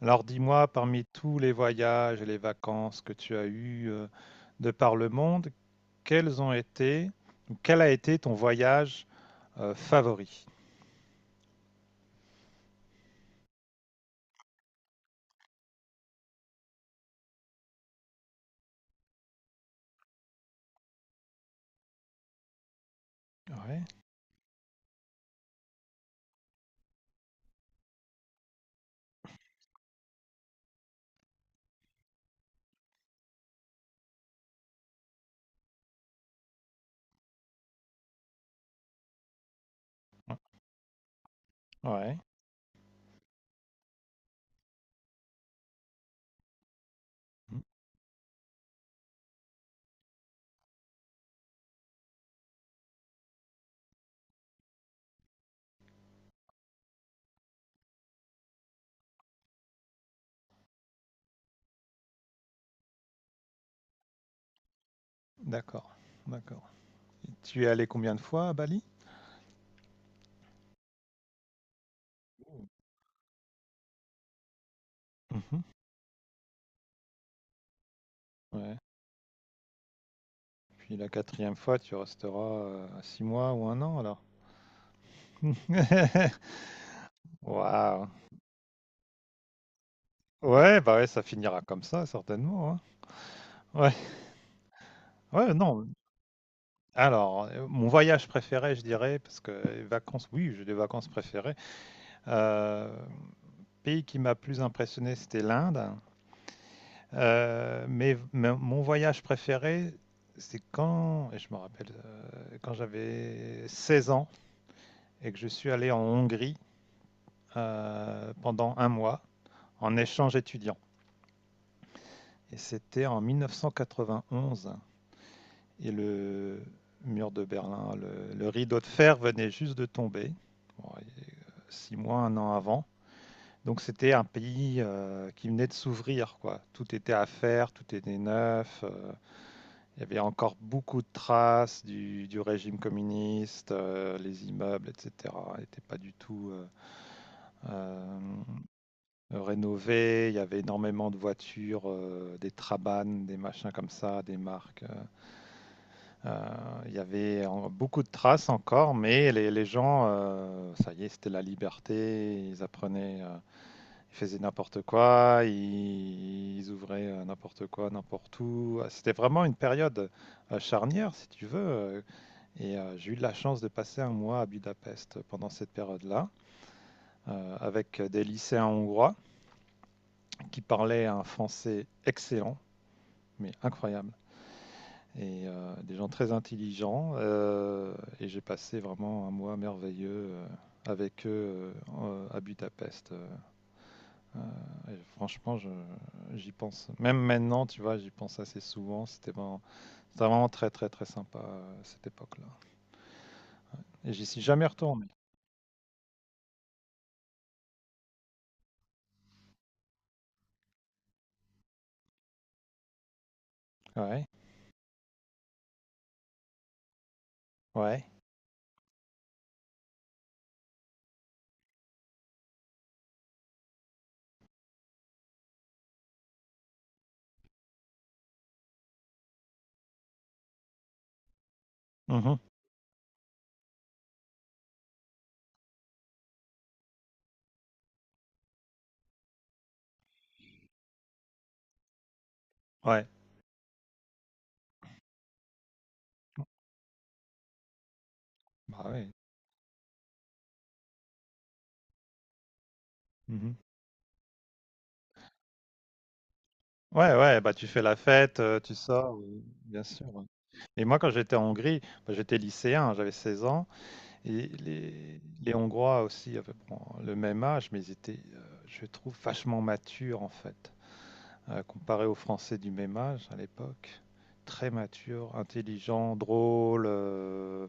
Alors dis-moi, parmi tous les voyages et les vacances que tu as eues de par le monde, quels ont été, ou quel a été ton voyage favori? Ouais, ouais. Mhm. D'accord, d'accord. Et tu es allé combien de fois à Bali? Mhm. Ouais. Puis la quatrième fois, tu resteras 6 mois ou 1 an alors. Waouh. Ouais, bah ouais, ça finira comme ça certainement, hein. Ouais, ouais, non, alors, mon voyage préféré, je dirais, parce que vacances, oui, j'ai des vacances préférées. Heu, Pays qui m'a plus impressionné, c'était l'Inde. Mais mon voyage préféré, c'est quand et je me rappelle, quand j'avais 16 ans et que je suis allé en Hongrie, pendant 1 mois en échange étudiant, et c'était en 1991. Et le mur de Berlin, le rideau de fer venait juste de tomber, bon, 6 mois, 1 an avant. Donc c'était un pays qui venait de s'ouvrir, quoi. Tout était à faire, tout était neuf. Il y avait encore beaucoup de traces du régime communiste, les immeubles, etc. n'étaient pas du tout euh, rénovés. Il y avait énormément de voitures, des Trabanes, des machins comme ça, des marques. Il y avait beaucoup de traces encore, mais les gens, ça y est, c'était la liberté. Ils apprenaient, ils faisaient n'importe quoi, ils ouvraient n'importe quoi, n'importe où. Ah, c'était vraiment une période charnière, si tu veux. Et j'ai eu de la chance de passer 1 mois à Budapest pendant cette période-là, avec des lycéens hongrois qui parlaient un français excellent, mais incroyable. Et des gens très intelligents. Et j'ai passé vraiment 1 mois merveilleux avec eux à Budapest. Et franchement, j'y pense. Même maintenant, tu vois, j'y pense assez souvent. C'était vraiment très, très, très sympa cette époque-là. Et j'y suis jamais retourné. Ouais, ouais. Mhm. Ouais, bah ouais. Mhm. Ouais, ouais, bah tu fais la fête, tu sors, bien sûr. Et moi, quand j'étais en Hongrie, bah, j'étais lycéen, j'avais 16 ans. Et les Hongrois aussi, à peu près le même âge, mais ils étaient, je trouve, vachement matures en fait, comparé aux Français du même âge à l'époque. Très matures, intelligents, drôles.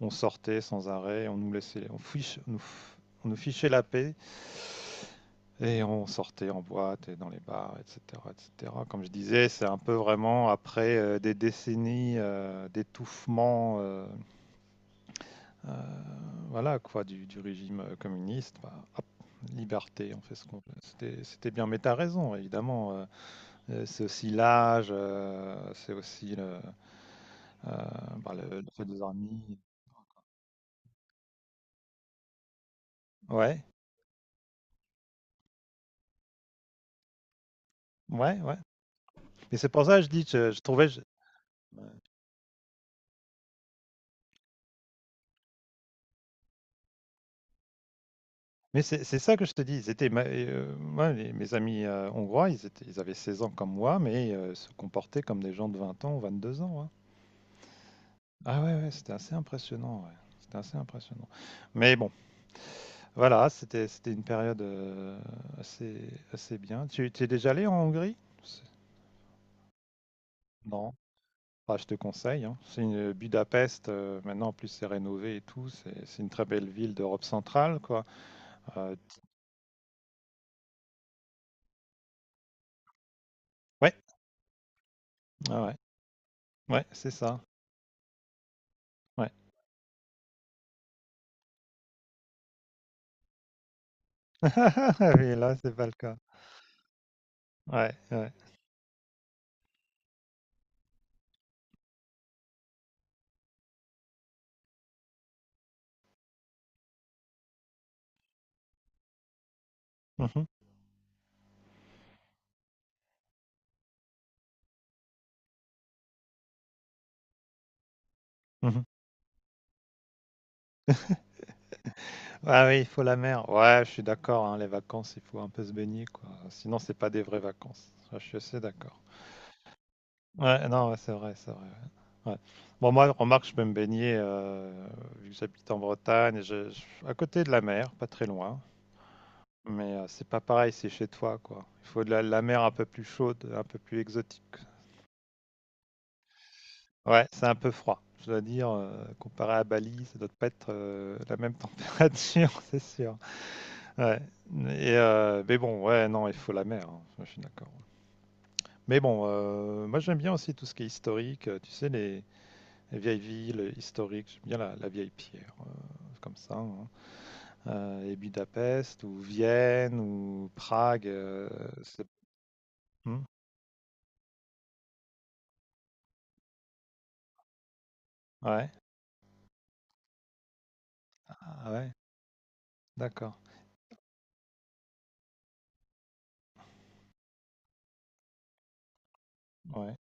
On sortait sans arrêt, on nous laissait, on, fiche- on nous, f- on nous fichait la paix et on sortait en boîte et dans les bars, etc., etc. Comme je disais, c'est un peu vraiment après des décennies d'étouffement. Euh, voilà quoi, du régime communiste, bah, hop, liberté, on fait ce qu'on veut. C'était bien, mais t'as raison, évidemment. C'est aussi l'âge, c'est aussi bah, le fait des armées. Ouais, ouais, ouais. Mais c'est pour ça que je dis, je trouvais. Mais c'est ça que je te dis. Ils étaient, moi, mes amis hongrois, ils avaient 16 ans comme moi, mais se comportaient comme des gens de 20 ans ou 2 ans, hein. Ah ouais, ouais, c'était assez impressionnant, ouais. C'était assez impressionnant. Mais bon. Voilà, c'était une période assez, assez bien. Tu es déjà allé en Hongrie? C'est- Non, bah, je te conseille, hein. C'est une Budapest, maintenant en plus c'est rénové et tout. C'est une très belle ville d'Europe centrale, quoi. Euh, ouais, ouais, ouais, ouais, c'est ça. Ouais. Mais là, c'est pas le cas. Ouais, ouais. Mhm, mhm. Ah oui, il faut la mer. Ouais, je suis d'accord, hein, les vacances, il faut un peu se baigner, quoi. Sinon, c'est pas des vraies vacances. Ça, je suis assez d'accord. Ouais, non, ouais, c'est vrai, c'est vrai. Ouais. Ouais. Bon, moi, remarque, je peux me baigner, vu que j'habite en Bretagne, à côté de la mer, pas très loin. Mais c'est pas pareil, c'est chez toi, quoi. Il faut de la mer un peu plus chaude, un peu plus exotique. Ouais, c'est un peu froid. Je dois dire, comparé à Bali, ça doit pas être la même température, c'est sûr. Ouais. Et, mais bon, ouais, non, il faut la mer, hein. Je suis d'accord. Mais bon, moi j'aime bien aussi tout ce qui est historique, tu sais, les vieilles villes historiques, j'aime bien la vieille pierre, comme ça, hein. Et Budapest, ou Vienne, ou Prague. C'est... Hmm, ouais, ah ouais, d'accord. Ouais.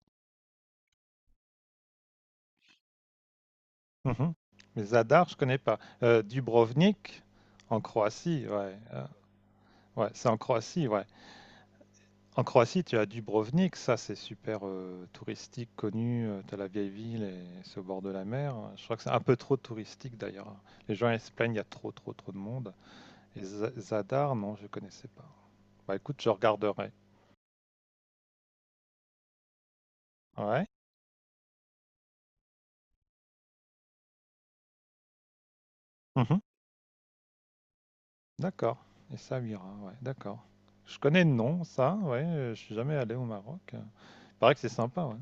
Mhm. Mais Zadar, je connais pas. Dubrovnik, en Croatie, ouais. Ouais, c'est en Croatie, ouais. En Croatie, tu as Dubrovnik, ça c'est super touristique, connu. Tu as la vieille ville et c'est au bord de la mer. Je crois que c'est un peu trop touristique d'ailleurs. Les gens ils se plaignent, il y a trop de monde. Et Zadar, non, je ne connaissais pas. Bah écoute, je regarderai. Ouais. Mhm. D'accord. Et Samira, ouais, d'accord. Je connais le nom, ça, ouais, je suis jamais allé au Maroc. Il paraît que c'est sympa, ouais.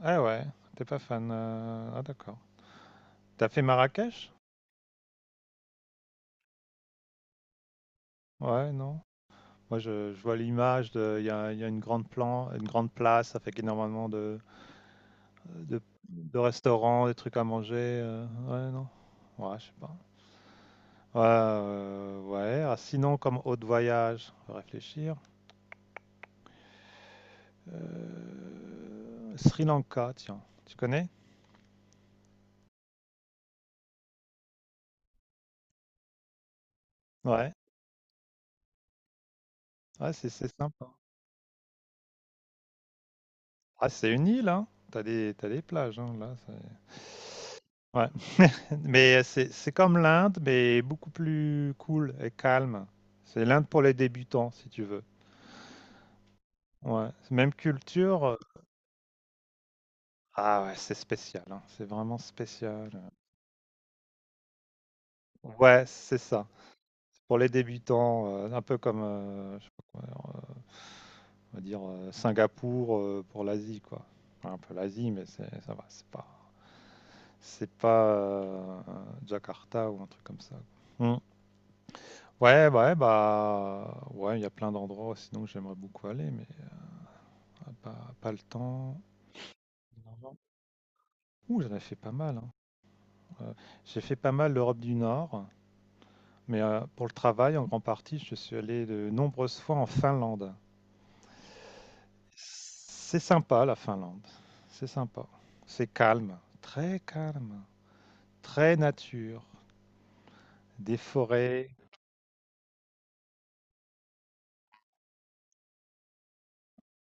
Ah ouais, t'es pas fan. Ah d'accord. T'as fait Marrakech? Ouais, non. Moi, je vois l'image de, il y a une grande plan, une grande place avec énormément de, de restaurants, des trucs à manger. Ouais, non. Ouais, je sais pas. Ouais, ouais. Ah, sinon, comme haute voyage, on va réfléchir. Sri Lanka, tiens, tu connais? Ouais, ouais, c'est sympa. Ah, c'est une île, hein. Tu des T'as des plages, hein, là, c'est ouais, mais c'est comme l'Inde, mais beaucoup plus cool et calme. C'est l'Inde pour les débutants, si tu veux. Ouais, c'est même culture, ah ouais, c'est spécial, hein, c'est vraiment spécial, ouais, c'est ça. Pour les débutants, un peu comme, je sais pas quoi, on va dire Singapour pour l'Asie, quoi. Enfin, un peu l'Asie, mais c'est, ça va, c'est pas, c'est pas euh, Jakarta ou un truc comme ça. Hmm. Ouais, bah, ouais, bah, ouais, il y a plein d'endroits sinon que j'aimerais beaucoup aller, mais pas le temps. Ouh, j'en ai fait pas mal, hein. Euh, j'ai fait pas mal l'Europe du Nord, mais pour le travail, en grande partie, je suis allé de nombreuses fois en Finlande. C'est sympa la Finlande, c'est sympa. C'est calme. Très nature, des forêts.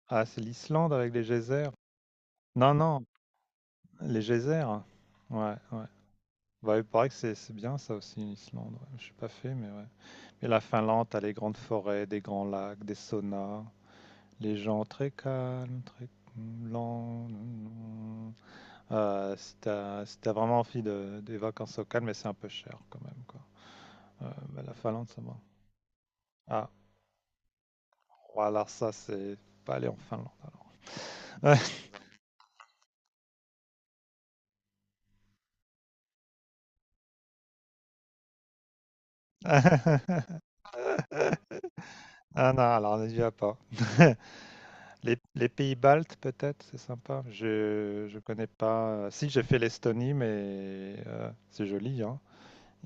Ah, c'est l'Islande avec les geysers. Non, non, les geysers. Ouais, ouais. Bah, il paraît que c'est bien ça aussi, l'Islande. Ouais, je suis pas fait, mais ouais. Et la Finlande, t'as les grandes forêts, des grands lacs, des saunas, les gens très calmes, très lents. Si t'as vraiment envie de, des vacances au calme, mais c'est un peu cher quand même, quoi. Bah, la Finlande, ça va. Ah, ouais, alors ça, c'est pas aller en Finlande alors. Ah non, alors on est déjà pas. Les pays baltes, peut-être, c'est sympa. Je connais pas. Si, j'ai fait l'Estonie, mais c'est joli, hein.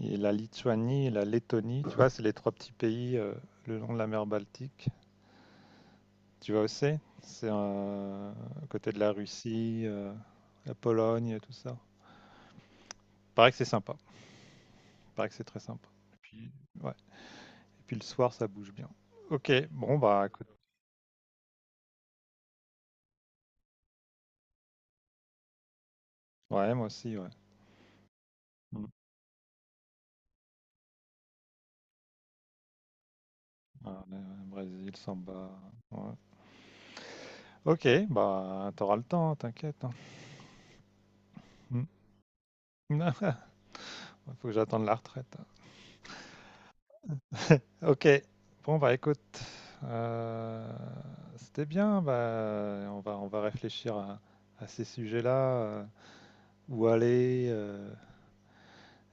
Et la Lituanie et la Lettonie, tu vois, c'est les trois petits pays le long de la mer Baltique. Tu vois aussi? C'est à côté de la Russie, la Pologne, tout ça. Paraît que c'est sympa. Paraît que c'est très sympa. Et puis, ouais. Et puis le soir, ça bouge bien. Ok, bon, bah écoute. Ouais, moi aussi, ouais. Ouais, ouais, ouais, Brésil, samba. Ouais. Ok, bah t'auras le temps, t'inquiète, hein. Hmm. Faut que j'attende la retraite, hein. Ok, bon bah écoute, euh, c'était bien. Bah, on va réfléchir à ces sujets-là, où aller.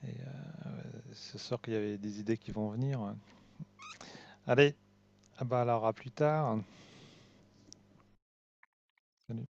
Et c'est sûr qu'il y avait des idées qui vont venir. Allez, ah bah alors à plus tard. Salut.